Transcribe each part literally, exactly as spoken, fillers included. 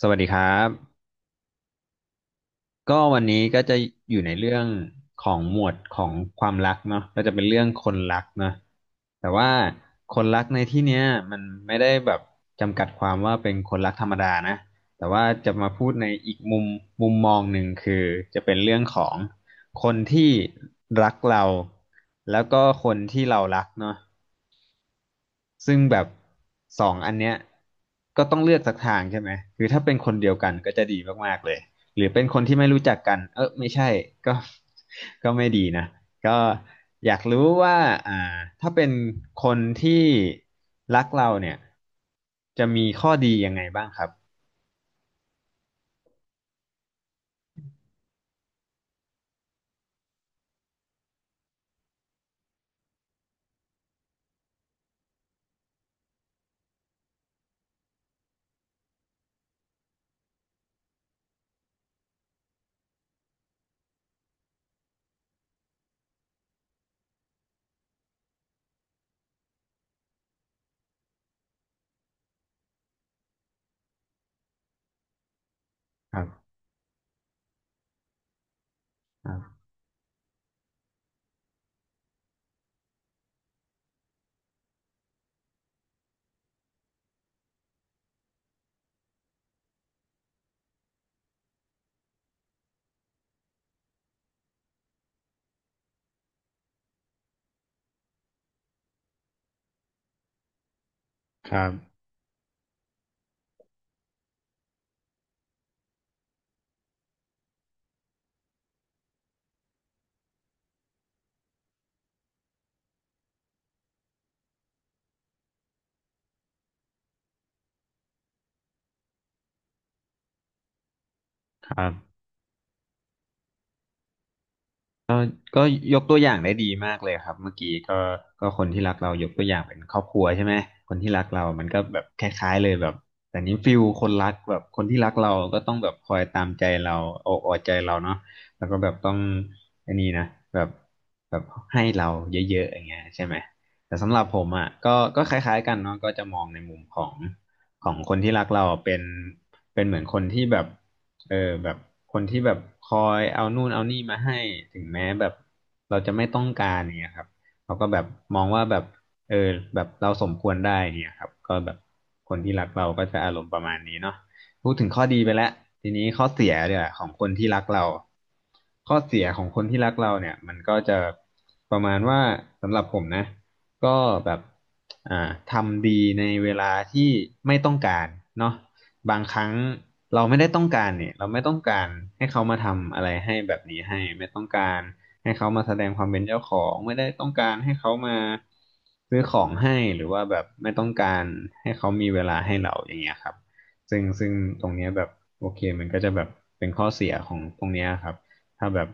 สวัสดีครับก็วันนี้ก็จะอยู่ในเรื่องของหมวดของความรักเนาะก็จะเป็นเรื่องคนรักเนาะแต่ว่าคนรักในที่เนี้ยมันไม่ได้แบบจำกัดความว่าเป็นคนรักธรรมดานะแต่ว่าจะมาพูดในอีกมุมมุมมองหนึ่งคือจะเป็นเรื่องของคนที่รักเราแล้วก็คนที่เรารักเนาะ ซึ่งแบบสองอันเนี้ยก็ต้องเลือกสักทางใช่ไหมคือถ้าเป็นคนเดียวกันก็จะดีมากๆเลย หรือเป็นคนที่ไม่รู้จักกัน เออไม่ใช่ก็ ก็ไม่ดีนะ ก็อยากรู้ว่าอ่าถ้าเป็นคนที่รักเราเนี่ยจะมีข้อดียังไงบ้างครับครับครับครับ ก็ยกตัวอย่างได้ดีมากเลยครับเมื่อกี้ก็ก็คนที่รักเรายกตัวอย่างเป็นครอบครัวใช่ไหมคนที่รักเรามันก็แบบคล้ายๆเลยแบบแต่นี้ฟิลคนรักแบบคนที่รักเราก็ต้องแบบคอยตามใจเราเอาอกเอาใจเราเนาะแล้วก็แบบต้องอันนี้นะแบบแบบให้เราเยอะๆอย่างเงี้ยใช่ไหมแต่สำหรับผมอ่ะก็ก็คล้ายๆกันเนาะก็จะมองในมุมของของคนที่รักเราเป็นเป็นเหมือนคนที่แบบ เออแบบคนที่แบบคอยเอานู่นเอานี่มาให้ถึงแม้แบบเราจะไม่ต้องการเนี่ยครับเขาก็แบบมองว่าแบบเออแบบเราสมควรได้เนี่ยครับก็แบบคนที่รักเราก็จะอารมณ์ประมาณนี้เนาะพูดถึงข้อดีไปแล้วทีนี้ข้อเสียเนี่ยของคนที่รักเราข้อเสียของคนที่รักเราเนี่ยมันก็จะประมาณว่าสำหรับผมนะก็แบบอ่าทำดีในเวลาที่ไม่ต้องการเนาะ บางครั้งเราไม่ได้ต้องการเนี่ยเราไม่ต้องการให้เขามาทำอะไรให้แบบนี้ให้ไม่ต้องการให้เขามาแสดงความเป็นเจ้าของไม่ได้ต้องการให้เขามาซื้อของให้หรือว่าแบบไม่ต้องการให้เขามีเวลาให้เราอย่างเงี้ยครับซึ่งซึ่งตรงเนี้ยแบบโอเคมันก็จะแบบเป็นข้อเสียของตรงเนี้ยครับถ้าแบบ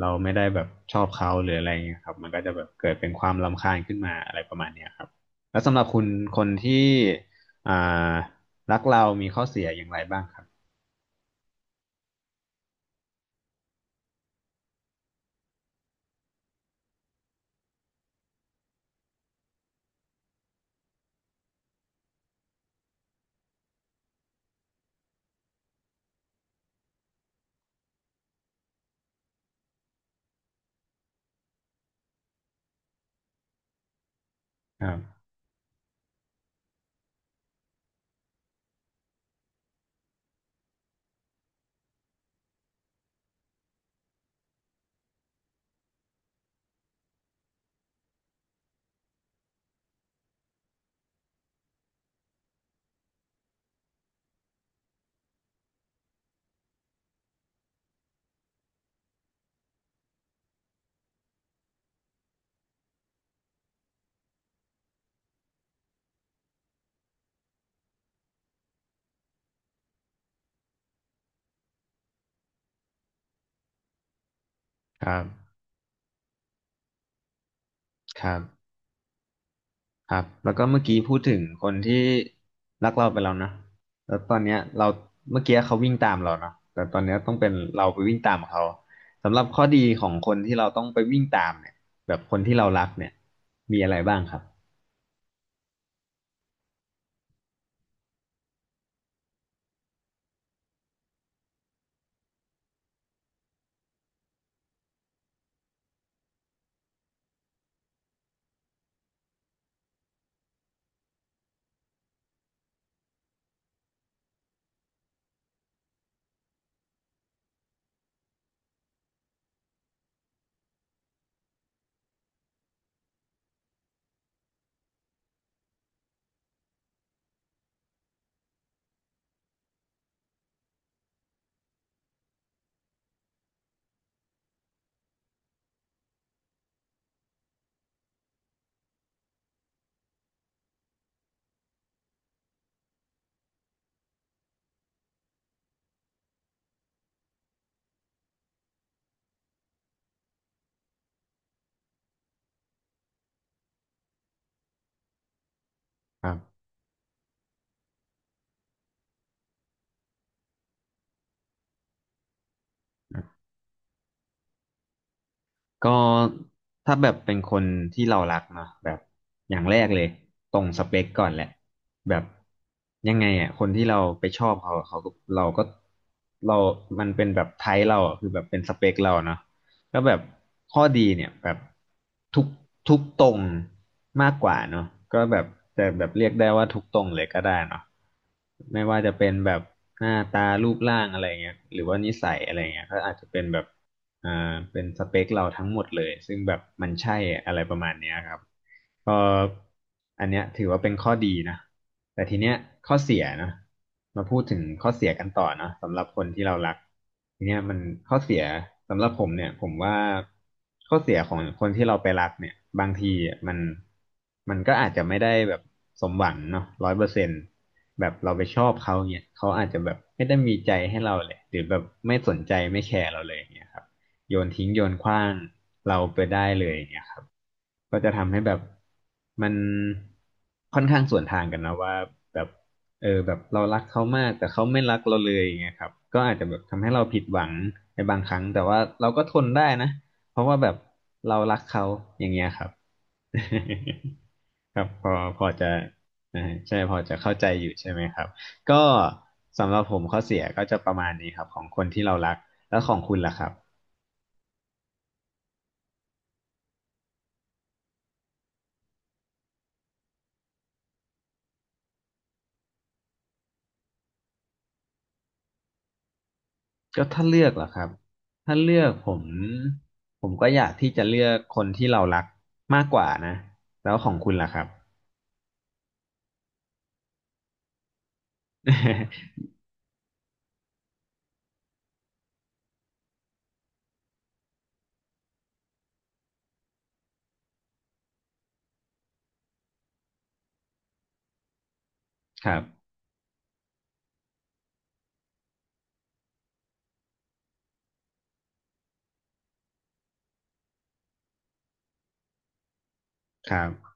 เราไม่ได้แบบชอบเขาหรืออะไรเงี้ยครับมันก็จะแบบเกิดเป็นความรำคาญขึ้นมาอะไรประมาณเนี้ยครับแล้วสำหรับคุณคนที่อ่า รักเรามีข้อเสียอย่างไรบ้างครับครับครับครับครับแล้วก็เมื่อกี้พูดถึงคนที่รักเราไปแล้วนะแล้วตอนเนี้ยเราเมื่อกี้เขาวิ่งตามเราเนาะแต่ตอนเนี้ยต้องเป็นเราไปวิ่งตามเขาสำหรับข้อดีของคนที่เราต้องไปวิ่งตามเนี่ยแบบคนที่เรารักเนี่ยมีอะไรบ้างครับครับ ก็ถ้าแบบเป็นคนที่เรารักเนาะแบบอย่างแรกเลยตรงสเปคก่อนแหละแบบยังไงอ่ะคนที่เราไปชอบเขาเขาก็เราก็เรามันเป็นแบบไทป์เราอะคือแบบเป็นสเปคเราเนาะแล้วแบบข้อดีเนี่ยแบบทุกทุกตรงมากกว่าเนาะก็แบบแต่แบบเรียกได้ว่าทุกตรงเลยก็ได้เนาะไม่ว่าจะเป็นแบบหน้าตารูปร่างอะไรเงี้ยหรือว่านิสัยอะไรเงี้ยก็อาจจะเป็นแบบ อ่าเป็นสเปคเราทั้งหมดเลยซึ่งแบบมันใช่อะไรประมาณเนี้ยครับก็อันเนี้ยถือว่าเป็นข้อดีนะแต่ทีเนี้ยข้อเสียนะมาพูดถึงข้อเสียกันต่อเนอะสำหรับคนที่เรารักทีเนี้ยมันข้อเสียสำหรับผมเนี่ยผมว่าข้อเสียของคนที่เราไปรักเนี่ยบางทีมันมันก็อาจจะไม่ได้แบบสมหวังเนาะร้อยเปอร์เซ็นต์แบบเราไปชอบเขาเนี่ยเขาอาจจะแบบไม่ได้มีใจให้เราเลยหรือแบบไม่สนใจไม่แคร์เราเลยอย่างเนี่ยครับ โยนทิ้งโยนขว้างเราไปได้เลยอย่างเงี้ยครับก็จะทำให้แบบมันค่อนข้างสวนทางกันนะว่าแบบเออแบบเรารักเขามากแต่เขาไม่รักเราเลยอย่างเงี้ยครับก็อาจจะแบบทำให้เราผิดหวังในบางครั้งแต่ว่าเราก็ทนได้นะเพราะว่าแบบเรารักเขาอย่างเงี้ยครับ ครับพอพอจะอ่าใช่พอจะเข้าใจอยู่ใช่ไหมครับก็สำหรับผมข้อเสียก็จะประมาณนี้ครับของคนที่เรารักแล้วของคุณล่ะครับ ก็ถ้าเลือกเหรอครับถ้าเลือกผมผมก็อยากที่จะเลือกคนที่เรารักมากกว่านะแล้วของคุณล่ะครับ ครับครับ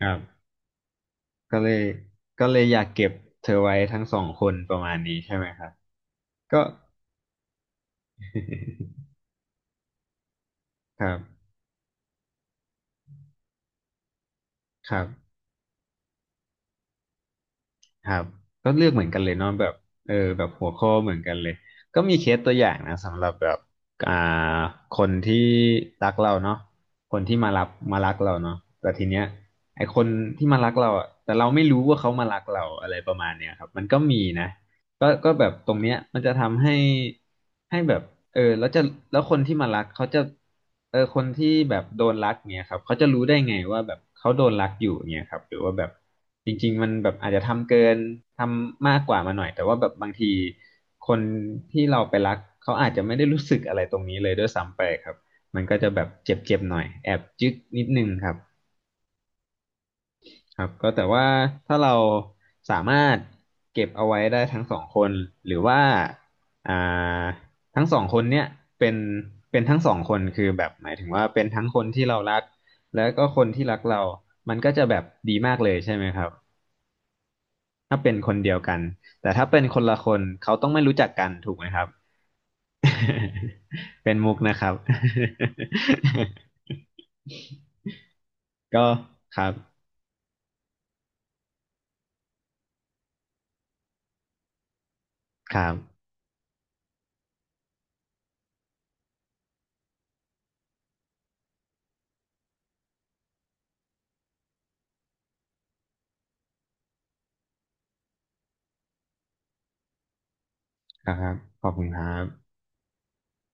ครับก็เลยก็เลยอยากเก็บเธอไว้ทั้งสองคนประมาณนี้ใช่ไหมครับก็ ครับครับ ครับก็เลือกเหมือนกันเลยเนาะแบบเออแบบหัวข้อเหมือนกันเลยก็มีเคสตัวอย่างนะสำหรับแบบอ่าคนที่รักเราเนาะคนที่มารับมารักเราเนาะแต่ทีเนี้ยไอคนที่มารักเราอ่ะแต่เราไม่รู้ว่าเขามารักเราอะไรประมาณเนี้ยครับมันก็มีนะ ก็ก็แบบตรงเนี้ยมันจะทำให้ให้แบบเออแล้วจะแล้วคนที่มารักเขาจะเออคนที่แบบโดนรักเนี่ยครับเขาจะรู้ได้ไงว่าแบบเขาโดนรักอยู่เนี่ยครับหรือว่าแบบจริงๆมันแบบอาจจะทำเกินทำมากกว่ามาหน่อยแต่ว่าแบบบางทีคนที่เราไปรักเขาอาจจะไม่ได้รู้สึกอะไรตรงนี้เลยด้วยซ้ำไปครับมันก็จะแบบเจ็บๆหน่อยแอบจึ๊กนิดนึงครับ ครับก็แต่ว่าถ้าเราสามารถเก็บเอาไว้ได้ทั้งสองคนหรือว่าอ่าทั้งสองคนเนี่ยเป็นเป็นทั้งสองคนคือแบบหมายถึงว่าเป็นทั้งคนที่เรารักแล้วก็คนที่รักเรามันก็จะแบบดีมากเลยใช่ไหมครับถ้าเป็นคนเดียวกันแต่ถ้าเป็นคนละคนเขาต้องไม่รู้จักกันถูกไหมครับ เป็นมุกนะครับ ก็ครับครับครับขอบคุณครับ